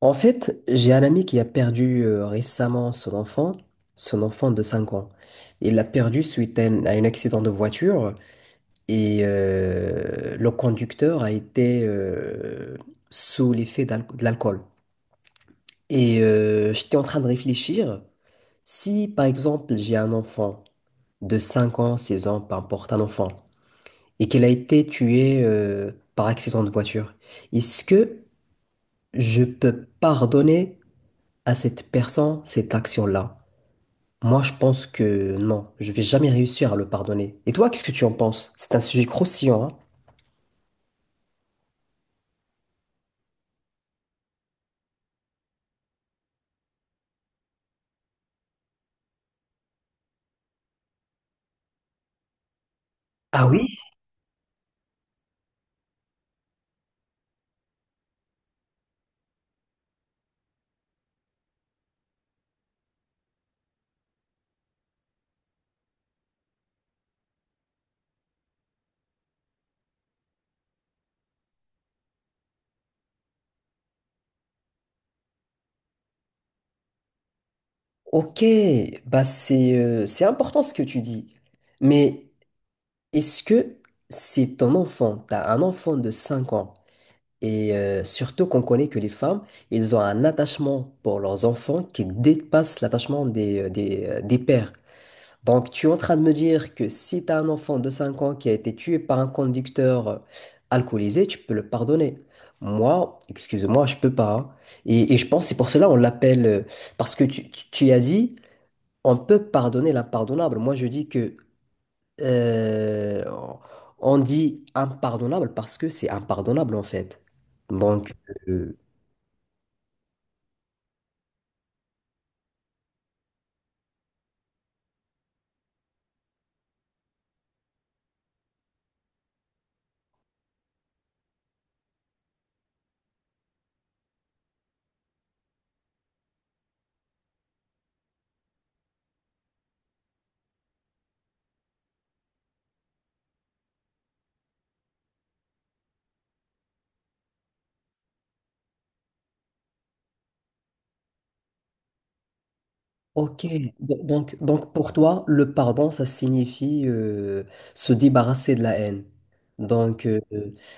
En fait, j'ai un ami qui a perdu récemment son enfant de 5 ans. Il l'a perdu suite à un accident de voiture et le conducteur a été sous l'effet de l'alcool. Et j'étais en train de réfléchir, si par exemple j'ai un enfant de 5 ans, 6 ans, peu importe un enfant, et qu'il a été tué par accident de voiture, est-ce que je peux pardonner à cette personne cette action-là? Moi, je pense que non, je vais jamais réussir à le pardonner. Et toi, qu'est-ce que tu en penses? C'est un sujet croustillant, hein? Ah oui? Ok, bah c'est important ce que tu dis. Mais est-ce que c'est ton enfant, t'as un enfant de 5 ans, et surtout qu'on connaît que les femmes, ils ont un attachement pour leurs enfants qui dépasse l'attachement des pères. Donc, tu es en train de me dire que si tu as un enfant de 5 ans qui a été tué par un conducteur alcoolisé, tu peux le pardonner. Moi, excuse-moi, je peux pas, hein. Et je pense que c'est pour cela on l'appelle, parce que tu as dit, on peut pardonner l'impardonnable. Moi, je dis que euh, on dit impardonnable parce que c'est impardonnable en fait. Donc, euh, Ok. Donc pour toi, le pardon, ça signifie se débarrasser de la haine. Donc, euh,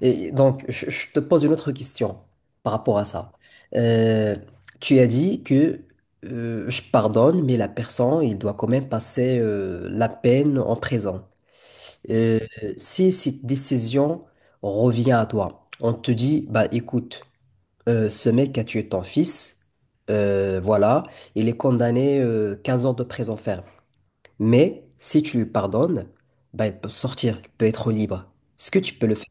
et donc je te pose une autre question par rapport à ça. Euh, tu as dit que je pardonne, mais la personne, il doit quand même passer la peine en prison. Euh, si cette décision revient à toi, on te dit, bah écoute, ce mec a tué ton fils, voilà, il est condamné 15 ans de prison ferme. Mais si tu lui pardonnes, bah, il peut sortir, il peut être libre. Est-ce que tu peux le faire?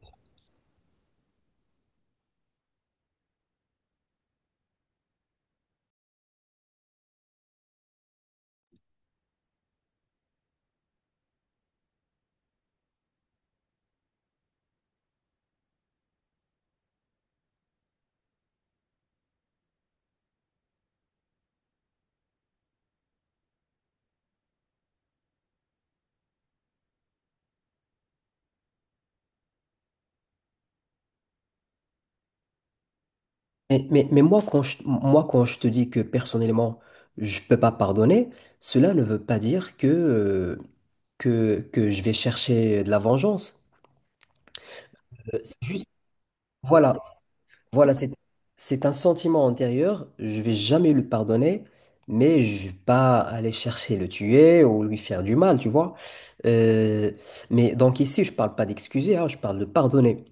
Mais moi, quand je te dis que personnellement, je peux pas pardonner, cela ne veut pas dire que, que je vais chercher de la vengeance. C'est juste, voilà. Voilà, c'est un sentiment antérieur. Je vais jamais lui pardonner, mais je vais pas aller chercher le tuer ou lui faire du mal, tu vois. Euh, mais donc ici, je parle pas d'excuser, hein, je parle de pardonner.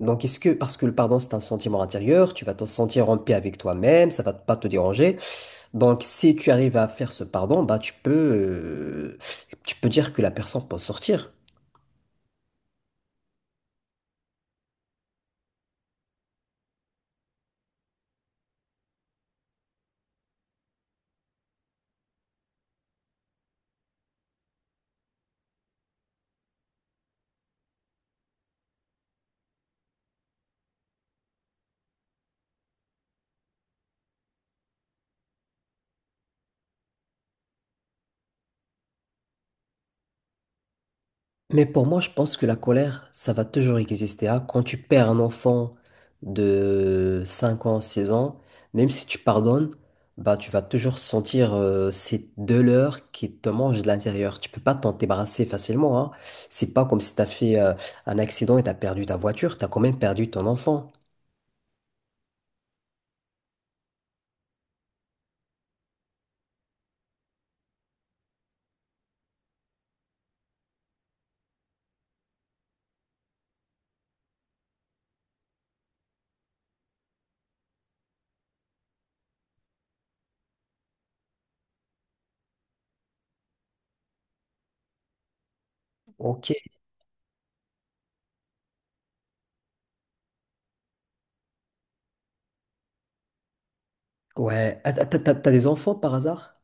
Donc est-ce que, parce que le pardon, c'est un sentiment intérieur, tu vas te sentir en paix avec toi-même, ça va pas te déranger. Donc si tu arrives à faire ce pardon, bah tu peux dire que la personne peut sortir. Mais pour moi, je pense que la colère, ça va toujours exister, hein. Quand tu perds un enfant de 5 ans, 6 ans, même si tu pardonnes, bah, tu vas toujours sentir cette douleur qui te mange de l'intérieur. Tu peux pas t'en débarrasser facilement, hein. C'est pas comme si tu as fait un accident et tu as perdu ta voiture, tu as quand même perdu ton enfant. Ok, ouais. Ah, t'as des enfants par hasard?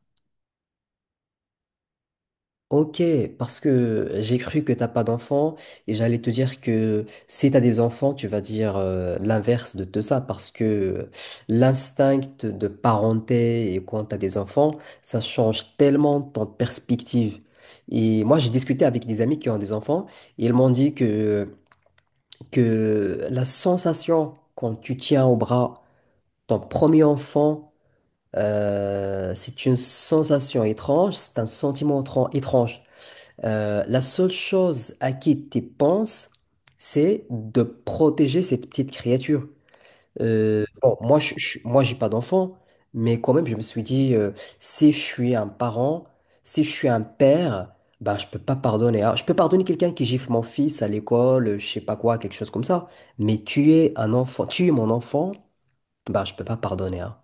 Ok, parce que j'ai cru que t'as pas d'enfants et j'allais te dire que si t'as des enfants, tu vas dire l'inverse de tout ça parce que l'instinct de parenté et quand t'as des enfants, ça change tellement ton perspective. Et moi, j'ai discuté avec des amis qui ont des enfants et ils m'ont dit que la sensation quand tu tiens au bras ton premier enfant, c'est une sensation étrange, c'est un sentiment étrange. La seule chose à qui tu penses, c'est de protéger cette petite créature. Bon, moi, j'ai pas d'enfant, mais quand même, je me suis dit, si je suis un parent, si je suis un père, bah, je peux pas pardonner. Alors, je peux pardonner quelqu'un qui gifle mon fils à l'école, je sais pas quoi, quelque chose comme ça. Mais tuer un enfant, tuer mon enfant, bah, je peux pas pardonner, hein.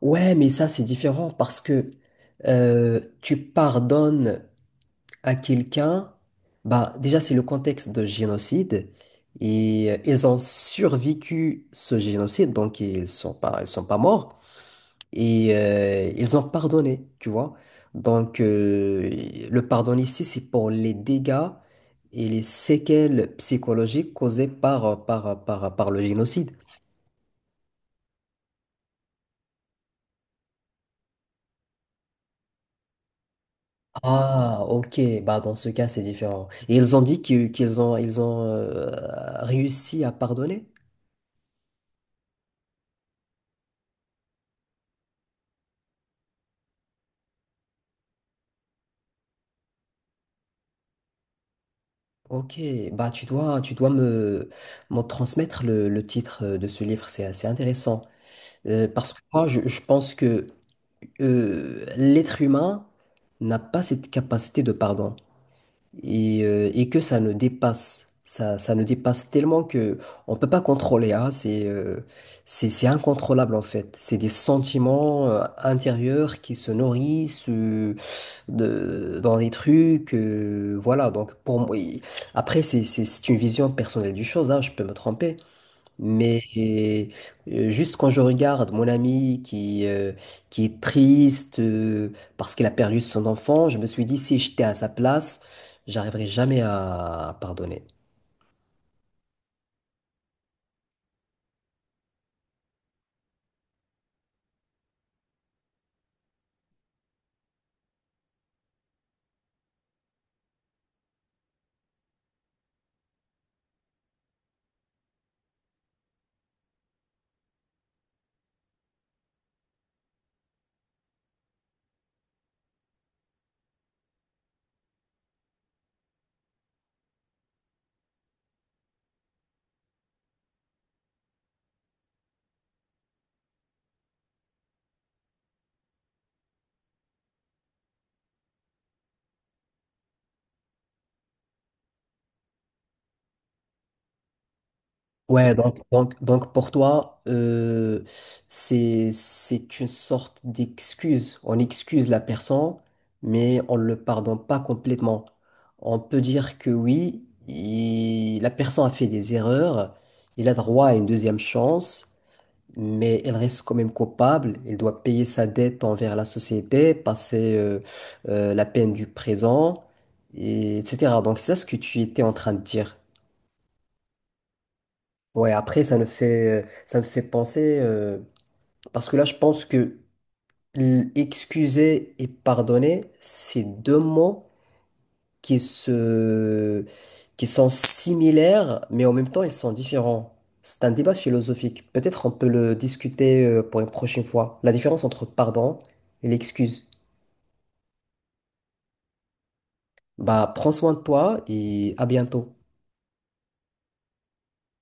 Ouais, mais ça, c'est différent parce que tu pardonnes à quelqu'un, bah déjà c'est le contexte de génocide et ils ont survécu ce génocide donc ils sont pas morts et ils ont pardonné, tu vois. Donc le pardon ici c'est pour les dégâts et les séquelles psychologiques causées par le génocide. Ah, ok. Bah, dans ce cas, c'est différent. Et ils ont dit qu'ils ont réussi à pardonner? Ok, bah tu dois me transmettre le titre de ce livre, c'est assez intéressant. Parce que moi, je pense que l'être humain n'a pas cette capacité de pardon et que ça ne dépasse tellement que on peut pas contrôler, hein. C'est, c'est incontrôlable en fait. C'est des sentiments intérieurs qui se nourrissent dans des trucs. Voilà, donc pour moi, après, c'est une vision personnelle du chose, hein, je peux me tromper. Mais juste quand je regarde mon ami qui est triste parce qu'il a perdu son enfant, je me suis dit, si j'étais à sa place, j'arriverais jamais à pardonner. Ouais, donc pour toi, c'est une sorte d'excuse. On excuse la personne, mais on ne le pardonne pas complètement. On peut dire que oui, la personne a fait des erreurs, il a droit à une deuxième chance, mais elle reste quand même coupable. Elle doit payer sa dette envers la société, passer la peine du présent, etc. Donc c'est ça ce que tu étais en train de dire. Ouais, après, ça me fait penser, parce que là, je pense que excuser et pardonner, c'est deux mots qui se, qui sont similaires, mais en même temps, ils sont différents. C'est un débat philosophique. Peut-être on peut le discuter, pour une prochaine fois. La différence entre pardon et l'excuse. Bah, prends soin de toi et à bientôt.